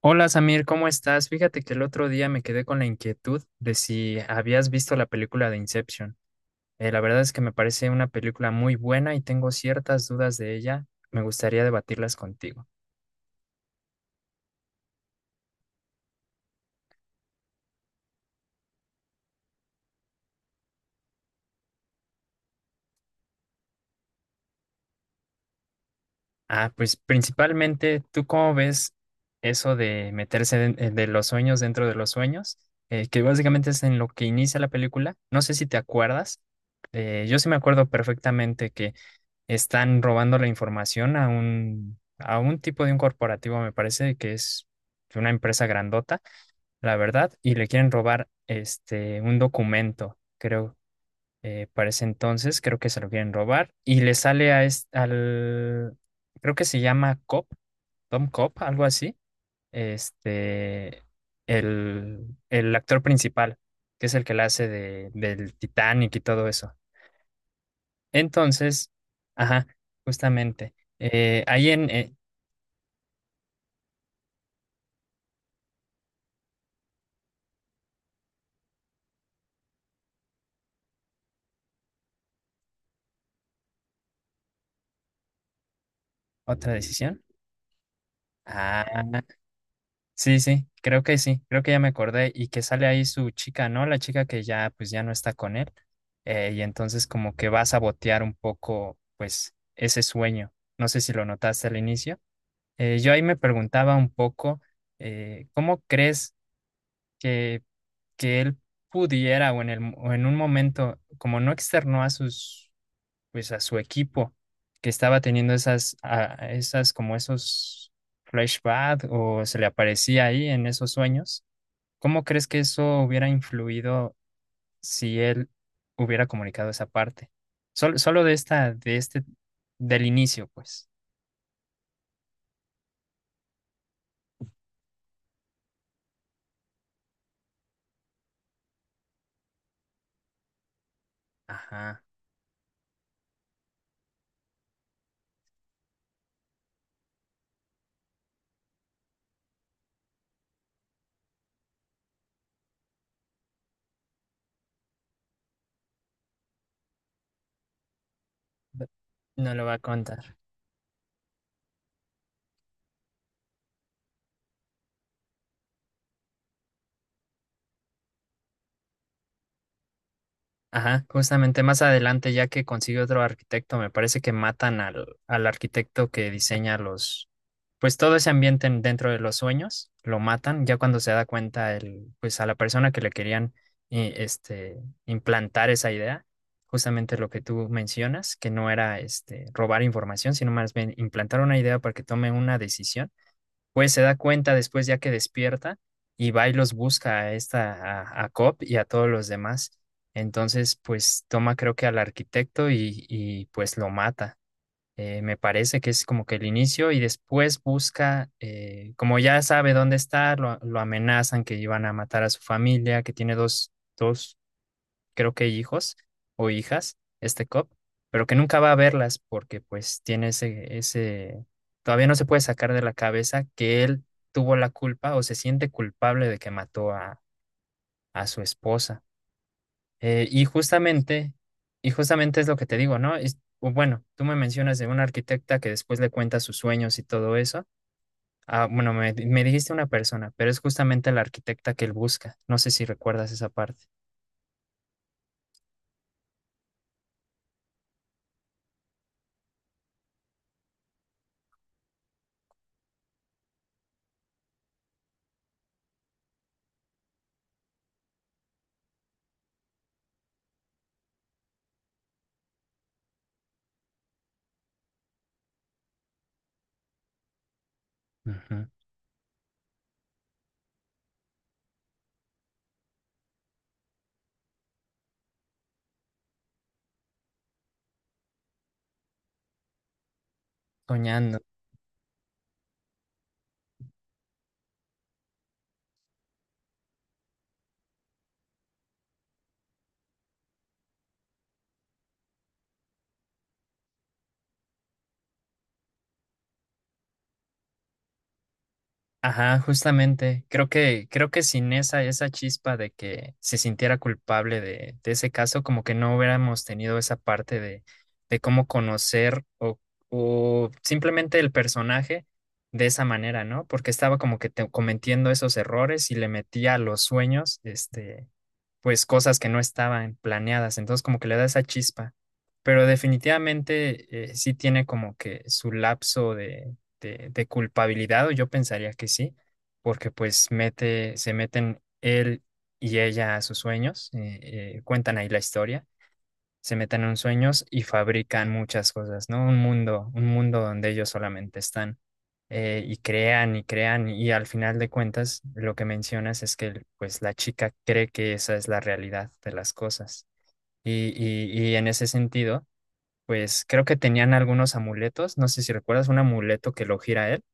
Hola Samir, ¿cómo estás? Fíjate que el otro día me quedé con la inquietud de si habías visto la película de Inception. La verdad es que me parece una película muy buena y tengo ciertas dudas de ella. Me gustaría debatirlas contigo. Ah, pues principalmente, ¿tú cómo ves eso de meterse los sueños dentro de los sueños? Que básicamente es en lo que inicia la película. No sé si te acuerdas. Yo sí me acuerdo perfectamente que están robando la información a un tipo de un corporativo, me parece que es una empresa grandota, la verdad, y le quieren robar este un documento, creo, para ese entonces, creo que se lo quieren robar, y le sale a es- al, creo que se llama Cop, Tom Cop, algo así, este, el actor principal, que es el que la hace de, del Titanic y todo eso. Entonces, ajá, justamente. Ahí en otra decisión. Ah, sí, sí, creo que ya me acordé y que sale ahí su chica, ¿no? La chica que ya, pues ya no está con él. Y entonces como que va a sabotear un poco, pues, ese sueño. No sé si lo notaste al inicio. Yo ahí me preguntaba un poco, ¿cómo crees que, que él pudiera o en o en un momento, como no externó a sus pues a su equipo que estaba teniendo esas como esos flashbacks o se le aparecía ahí en esos sueños. ¿Cómo crees que eso hubiera influido si él hubiera comunicado esa parte? Solo de este, del inicio, pues. Ajá. No lo va a contar. Ajá, justamente más adelante, ya que consigue otro arquitecto, me parece que matan al arquitecto que diseña los, pues todo ese ambiente dentro de los sueños, lo matan, ya cuando se da cuenta el, pues a la persona que le querían eh, este, implantar esa idea, justamente lo que tú mencionas, que no era este robar información, sino más bien implantar una idea para que tome una decisión pues se da cuenta después ya que despierta y va y los busca a a Cobb y a todos los demás. Entonces, pues toma creo que al arquitecto y pues lo mata. Me parece que es como que el inicio y después busca, como ya sabe dónde está, lo amenazan que iban a matar a su familia, que tiene dos creo que hijos o hijas, este cop, pero que nunca va a verlas porque pues tiene ese, todavía no se puede sacar de la cabeza que él tuvo la culpa o se siente culpable de que mató a su esposa. Y justamente, y justamente es lo que te digo, ¿no? O bueno, tú me mencionas de una arquitecta que después le cuenta sus sueños y todo eso. Ah, bueno, me dijiste una persona, pero es justamente la arquitecta que él busca. No sé si recuerdas esa parte. Ujú. Soñando. Ajá, justamente. Creo que sin esa chispa de que se sintiera culpable de ese caso, como que no hubiéramos tenido esa parte de cómo conocer o simplemente el personaje de esa manera, ¿no? Porque estaba como que cometiendo esos errores y le metía a los sueños, este, pues cosas que no estaban planeadas, entonces como que le da esa chispa, pero definitivamente sí tiene como que su lapso de, de culpabilidad, o yo pensaría que sí, porque pues mete, se meten él y ella a sus sueños, cuentan ahí la historia, se meten en sueños y fabrican muchas cosas, ¿no? Un mundo donde ellos solamente están y crean y crean y al final de cuentas lo que mencionas es que pues la chica cree que esa es la realidad de las cosas y en ese sentido pues creo que tenían algunos amuletos, no sé si recuerdas un amuleto que lo gira él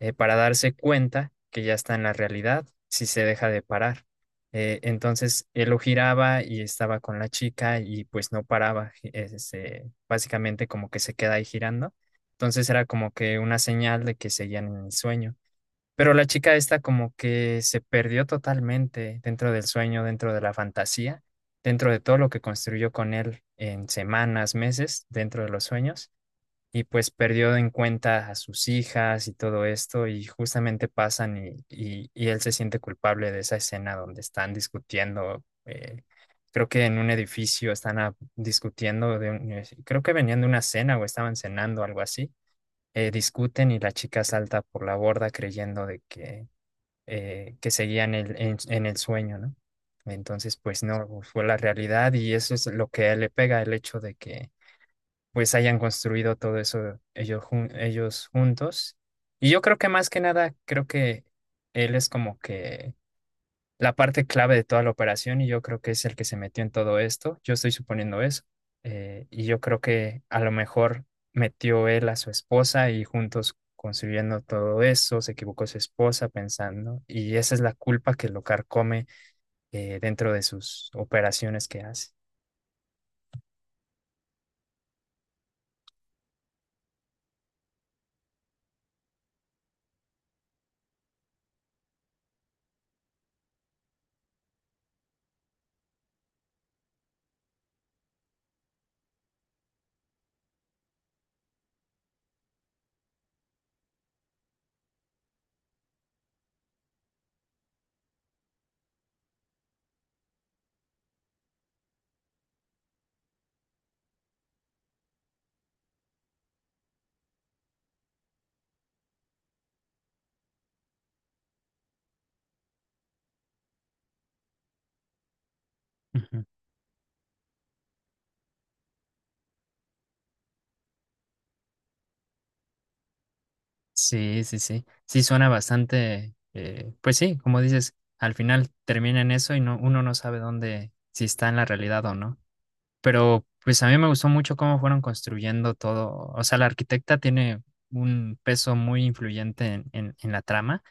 para darse cuenta que ya está en la realidad si se deja de parar. Entonces él lo giraba y estaba con la chica y pues no paraba, este, básicamente como que se queda ahí girando. Entonces era como que una señal de que seguían en el sueño. Pero la chica esta como que se perdió totalmente dentro del sueño, dentro de la fantasía, dentro de todo lo que construyó con él en semanas, meses, dentro de los sueños y pues perdió en cuenta a sus hijas y todo esto y justamente pasan y él se siente culpable de esa escena donde están discutiendo, creo que en un edificio están discutiendo, creo que venían de una cena o estaban cenando, algo así, discuten y la chica salta por la borda creyendo de que seguían en el sueño, ¿no? Entonces, pues no, fue la realidad y eso es lo que a él le pega, el hecho de que pues hayan construido todo eso ellos juntos. Y yo creo que más que nada, creo que él es como que la parte clave de toda la operación y yo creo que es el que se metió en todo esto. Yo estoy suponiendo eso. Y yo creo que a lo mejor metió él a su esposa y juntos construyendo todo eso, se equivocó su esposa pensando, y esa es la culpa que lo carcome dentro de sus operaciones que hace. Ujú. Sí, sí, sí. Sí, suena bastante, pues sí, como dices, al final termina en eso y no, uno no sabe dónde, si está en la realidad o no. Pero pues a mí me gustó mucho cómo fueron construyendo todo. O sea, la arquitecta tiene un peso muy influyente en la trama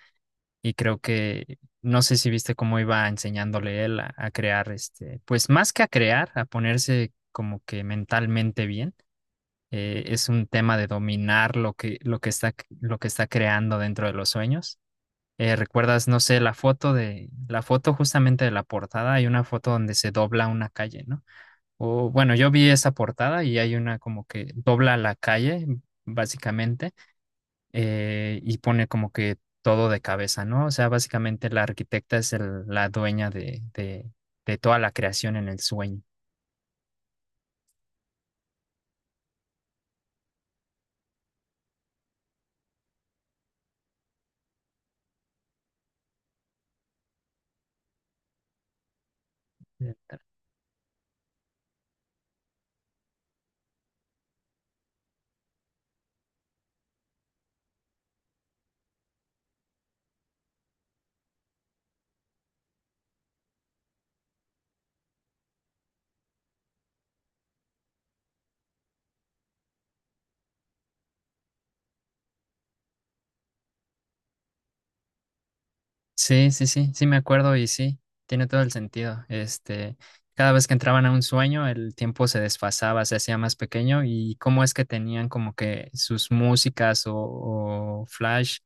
y creo que, no sé si viste cómo iba enseñándole él a crear, este, pues más que a crear, a ponerse como que mentalmente bien es un tema de dominar lo que está creando dentro de los sueños. ¿Recuerdas, no sé, la foto justamente de la portada? Hay una foto donde se dobla una calle, ¿no? O bueno, yo vi esa portada y hay una como que dobla la calle, básicamente, y pone como que todo de cabeza, ¿no? O sea, básicamente la arquitecta es la dueña de toda la creación en el sueño. Sí, sí, sí, sí me acuerdo y sí, tiene todo el sentido. Este, cada vez que entraban a un sueño, el tiempo se desfasaba, se hacía más pequeño y cómo es que tenían como que sus músicas o flash,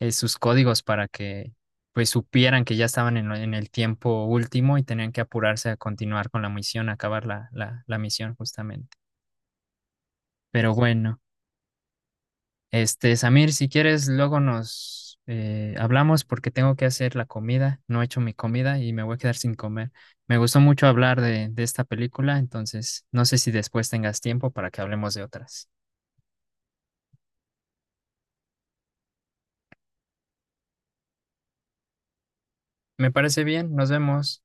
sus códigos para que pues supieran que ya estaban en, en el tiempo último y tenían que apurarse a continuar con la misión, a acabar la misión justamente. Pero bueno. Este, Samir, si quieres, luego nos hablamos porque tengo que hacer la comida. No he hecho mi comida y me voy a quedar sin comer. Me gustó mucho hablar de esta película, entonces no sé si después tengas tiempo para que hablemos de otras. Me parece bien, nos vemos.